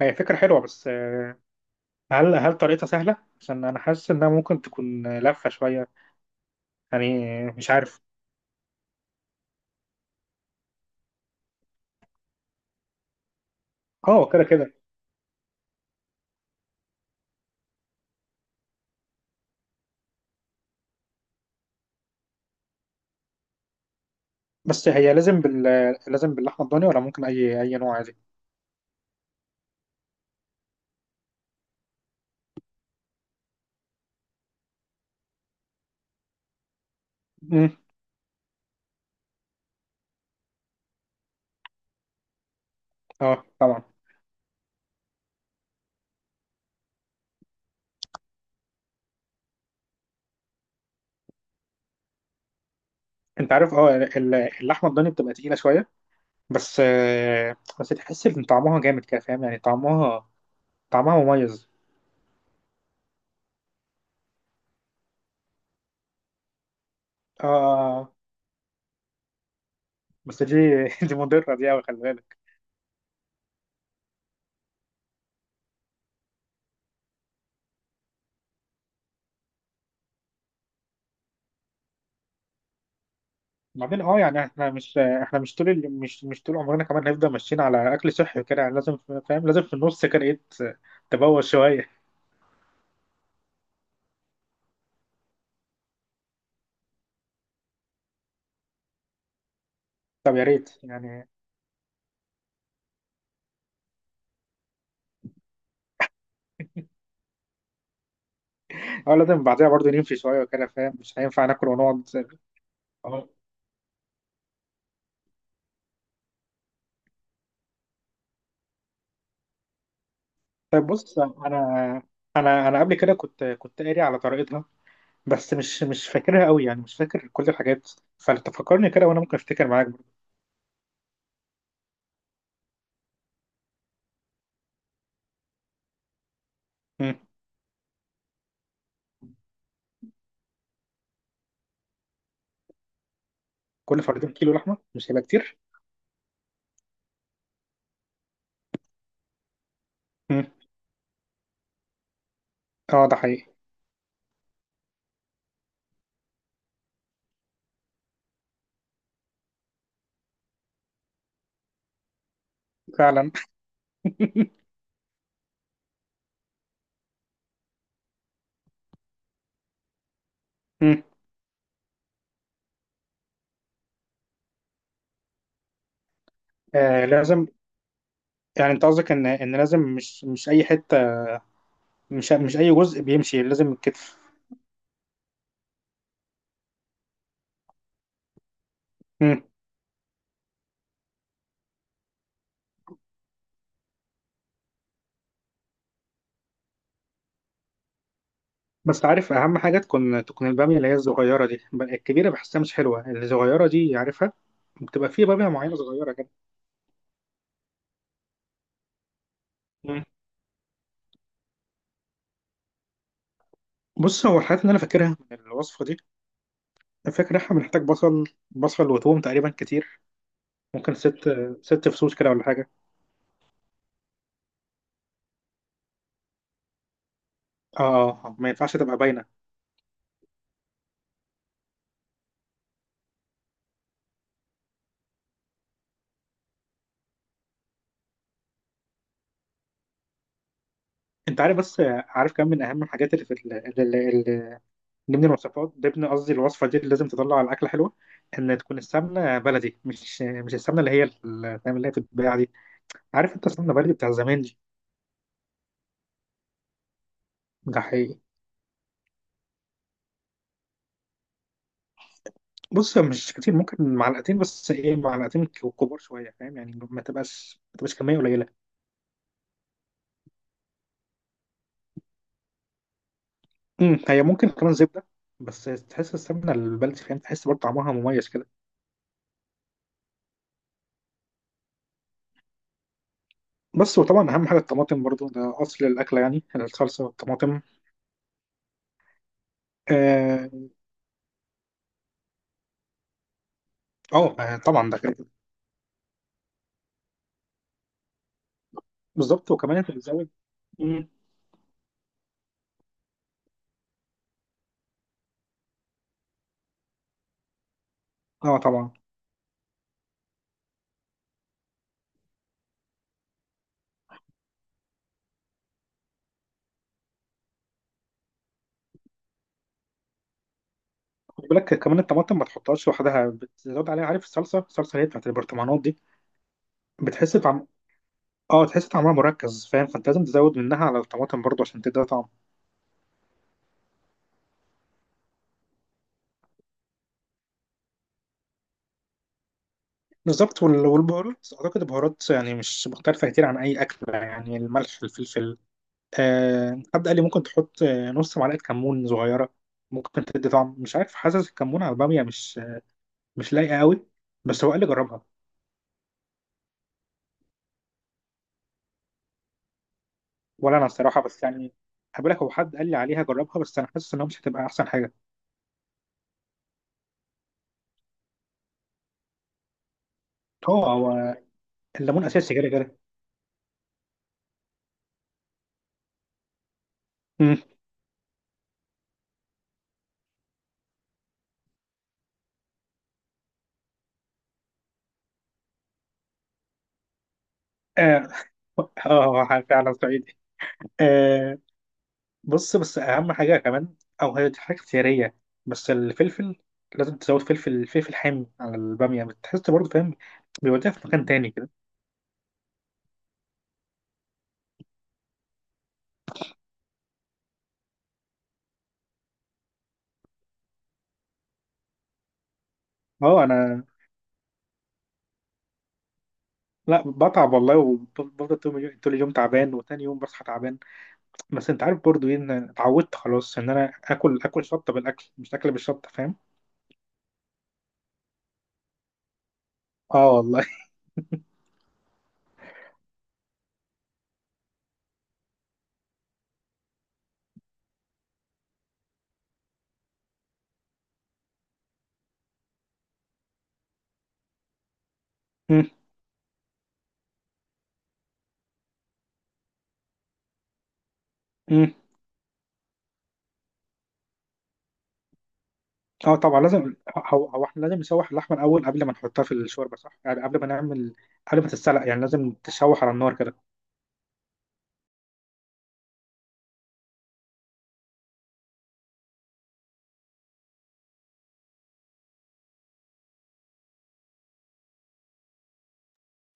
هي فكرة حلوة، بس هل طريقتها سهلة؟ عشان أنا حاسس إنها ممكن تكون لفة شوية. يعني مش عارف. أه، كده كده. بس هي لازم باللحمة الضاني، ولا ممكن أي نوع عادي؟ مم. أه، طبعا. أنت عارف، اللحمة الضاني بتبقى تقيلة شوية. بس بس تحس إن طعمها جامد كده، فاهم؟ يعني طعمها مميز. أه، بس دي دي مضرة دي أوي، خلي بالك. بعدين، يعني احنا مش مش طول عمرنا كمان هنفضل ماشيين على اكل صحي كده، يعني لازم فاهم، لازم في النص كده ايه تبوظ شويه. طب يا ريت يعني. اه، لازم بعدها برضه نمشي شويه كده، فاهم، مش هينفع ناكل ونقعد. اه، طيب، بص، انا قبل كده كنت قاري على طريقتها. بس مش فاكرها قوي، يعني مش فاكر كل الحاجات. فانت فكرني كده وانا ممكن افتكر معاك برضه. مم. كل فردين كيلو لحمه مش هيبقى كتير؟ مم. اه، ده حقيقي. فعلا. مم. آه، لازم. يعني انت قصدك ان لازم مش اي حته، مش اي جزء بيمشي، لازم الكتف. مم. بس عارف، اهم حاجه تكون الباميه اللي هي الصغيره دي. الكبيره بحسها مش حلوه، الصغيره دي عارفها. بتبقى في باميه معينه صغيره كده. مم. بص، هو الحاجات اللي انا فاكرها من الوصفه دي. فاكر احنا بنحتاج بصل، بصل وتوم تقريبا كتير. ممكن ست فصوص كده ولا حاجه. اه. ما ينفعش تبقى باينه. انت عارف، بس عارف كم من اهم الحاجات اللي في ضمن الوصفات، ضمن قصدي الوصفة دي، اللي لازم تطلع على الأكلة حلوة، إن تكون السمنة بلدي، مش السمنة اللي هي فاهم، اللي هي بتتباع دي. عارف أنت السمنة بلدي بتاع زمان دي. ده حقيقي. بص، مش كتير، ممكن معلقتين. بس إيه، معلقتين كبار شوية، فاهم، يعني ما تبقاش كمية قليلة. هي ممكن كمان زبدة. بس تحس السمنة البلدي، فاهم، تحس برضه طعمها مميز كده. بس وطبعا أهم حاجة الطماطم برضه، ده أصل الأكلة يعني، الصلصة والطماطم. آه. طبعا ده كده. بالظبط، وكمان أنت بتزود. أمم. اه، طبعا. خد بالك كمان الطماطم ما تحطهاش لوحدها، بتزود عليها، عارف، الصلصه اللي هي بتاعت البرطمانات دي. بتحس طعم. اه، تحس طعمها مركز، فاهم، فانت لازم تزود منها على الطماطم برضه عشان تدي طعم. بالظبط. والبهارات، اعتقد البهارات يعني مش مختلفه كتير عن اي اكل، يعني الملح، الفلفل. آه، حد قال لي ممكن تحط نص معلقه كمون صغيره. ممكن تدي طعم، مش عارف، حاسس الكمون على الباميه مش لايقه قوي. بس هو قال لي جربها. ولا انا الصراحه، بس يعني، هقول لك، هو حد قال لي عليها جربها، بس انا حاسس انها مش هتبقى احسن حاجه. هو هو الليمون اساسي كده كده. مم. اه، هو فعلا صعيدي. آه. بص، بس اهم حاجه كمان، او هي دي حاجه اختياريه، بس الفلفل، لازم تزود فلفل حامي على الباميه، بتحس برضه، فاهم، بيوديها في مكان تاني كده. اه انا لا، بتعب والله وبفضل طول اليوم طول اليوم تعبان، وتاني يوم بصحى تعبان. بس انت عارف برضه ايه؟ ان اتعودت خلاص، ان انا اكل شطه بالاكل، مش اكل بالشطه، فاهم. اه، والله. اه، طبعا لازم هو هو احنا لازم نشوح اللحمه الاول قبل ما نحطها في الشوربه، صح؟ يعني قبل ما نعمل، قبل ما تتسلق يعني، لازم تشوح على النار كده.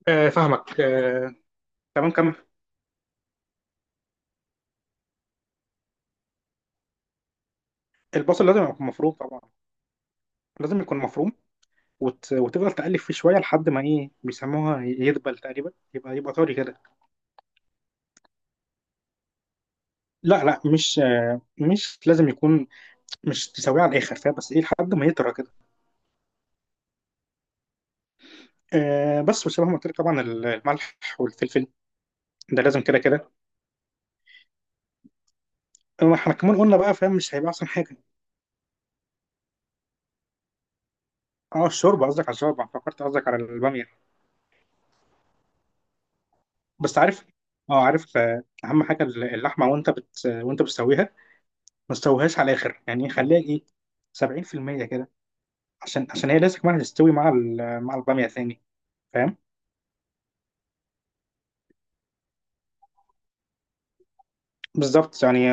آه، فاهمك، آه. تمام، كمل. البصل لازم يكون مفروم طبعا. لازم يكون مفروم. وتفضل تقلب فيه شويه لحد ما ايه بيسموها، يدبل تقريبا، يبقى طري كده. لا، لا، مش لازم يكون، مش تسويه على الاخر، فاهم، بس ايه، لحد ما يطرى كده. آه، بس وشبه ما قلت لك طبعا، الملح والفلفل. ده لازم كده كده. احنا كمان قلنا بقى، فاهم، مش هيبقى احسن حاجه. اه، الشوربه، قصدك على الشوربه؟ فكرت قصدك على الباميه. بس عارف، اه عارف، اهم حاجه اللحمه، وانت وانت بتسويها ما تسويهاش على الاخر، يعني خليها ايه، 70% كده، عشان هي لازم كمان تستوي مع الباميه ثاني. فاهم، بالظبط يعني.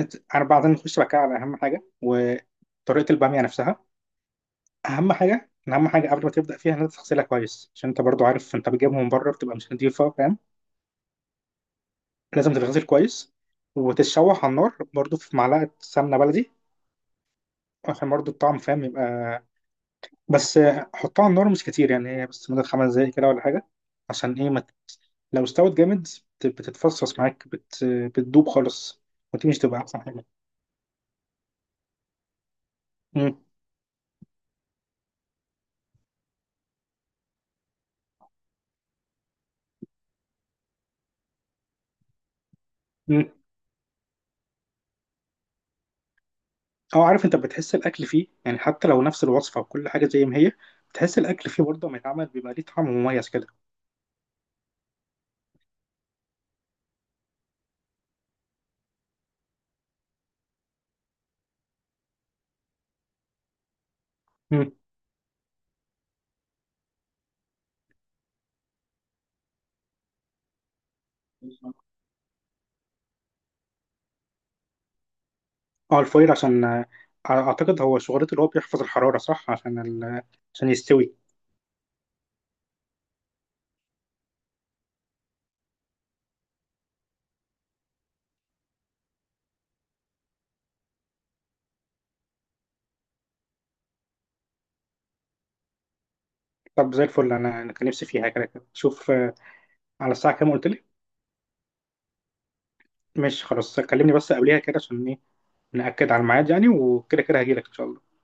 انا بعدين نخش بقى كده على اهم حاجه، وطريقه الباميه نفسها. اهم حاجه قبل ما تبدا فيها، ان انت تغسلها كويس عشان انت برضو عارف، انت بتجيبها من بره بتبقى مش نضيفه، فاهم. لازم تتغسل كويس، وتتشوح على النار برضو في معلقه سمنه بلدي، عشان برضو الطعم، فاهم، يبقى بس حطها على النار مش كتير، يعني هي بس مدة 5 دقايق كده ولا حاجة. عشان ايه ما، لو استوت جامد بتتفصص معاك، بتدوب خالص. ودي مش تبقى أحسن حاجة. مم. مم. اه، عارف، انت بتحس الاكل فيه، يعني حتى لو نفس الوصفة وكل حاجة زي ما هي، بتحس الاكل فيه برضه لما يتعمل بيبقى ليه طعم مميز كده. مم. اه، الفويل عشان اعتقد هو شغلته اللي هو بيحفظ الحرارة، صح، عشان عشان يستوي. طب زي الفل، انا كان نفسي فيها كده كده. شوف، على الساعة كام قلت لي؟ ماشي، خلاص، كلمني بس قبليها كده عشان ايه، نأكد على الميعاد يعني، وكده كده هجيلك ان شاء الله.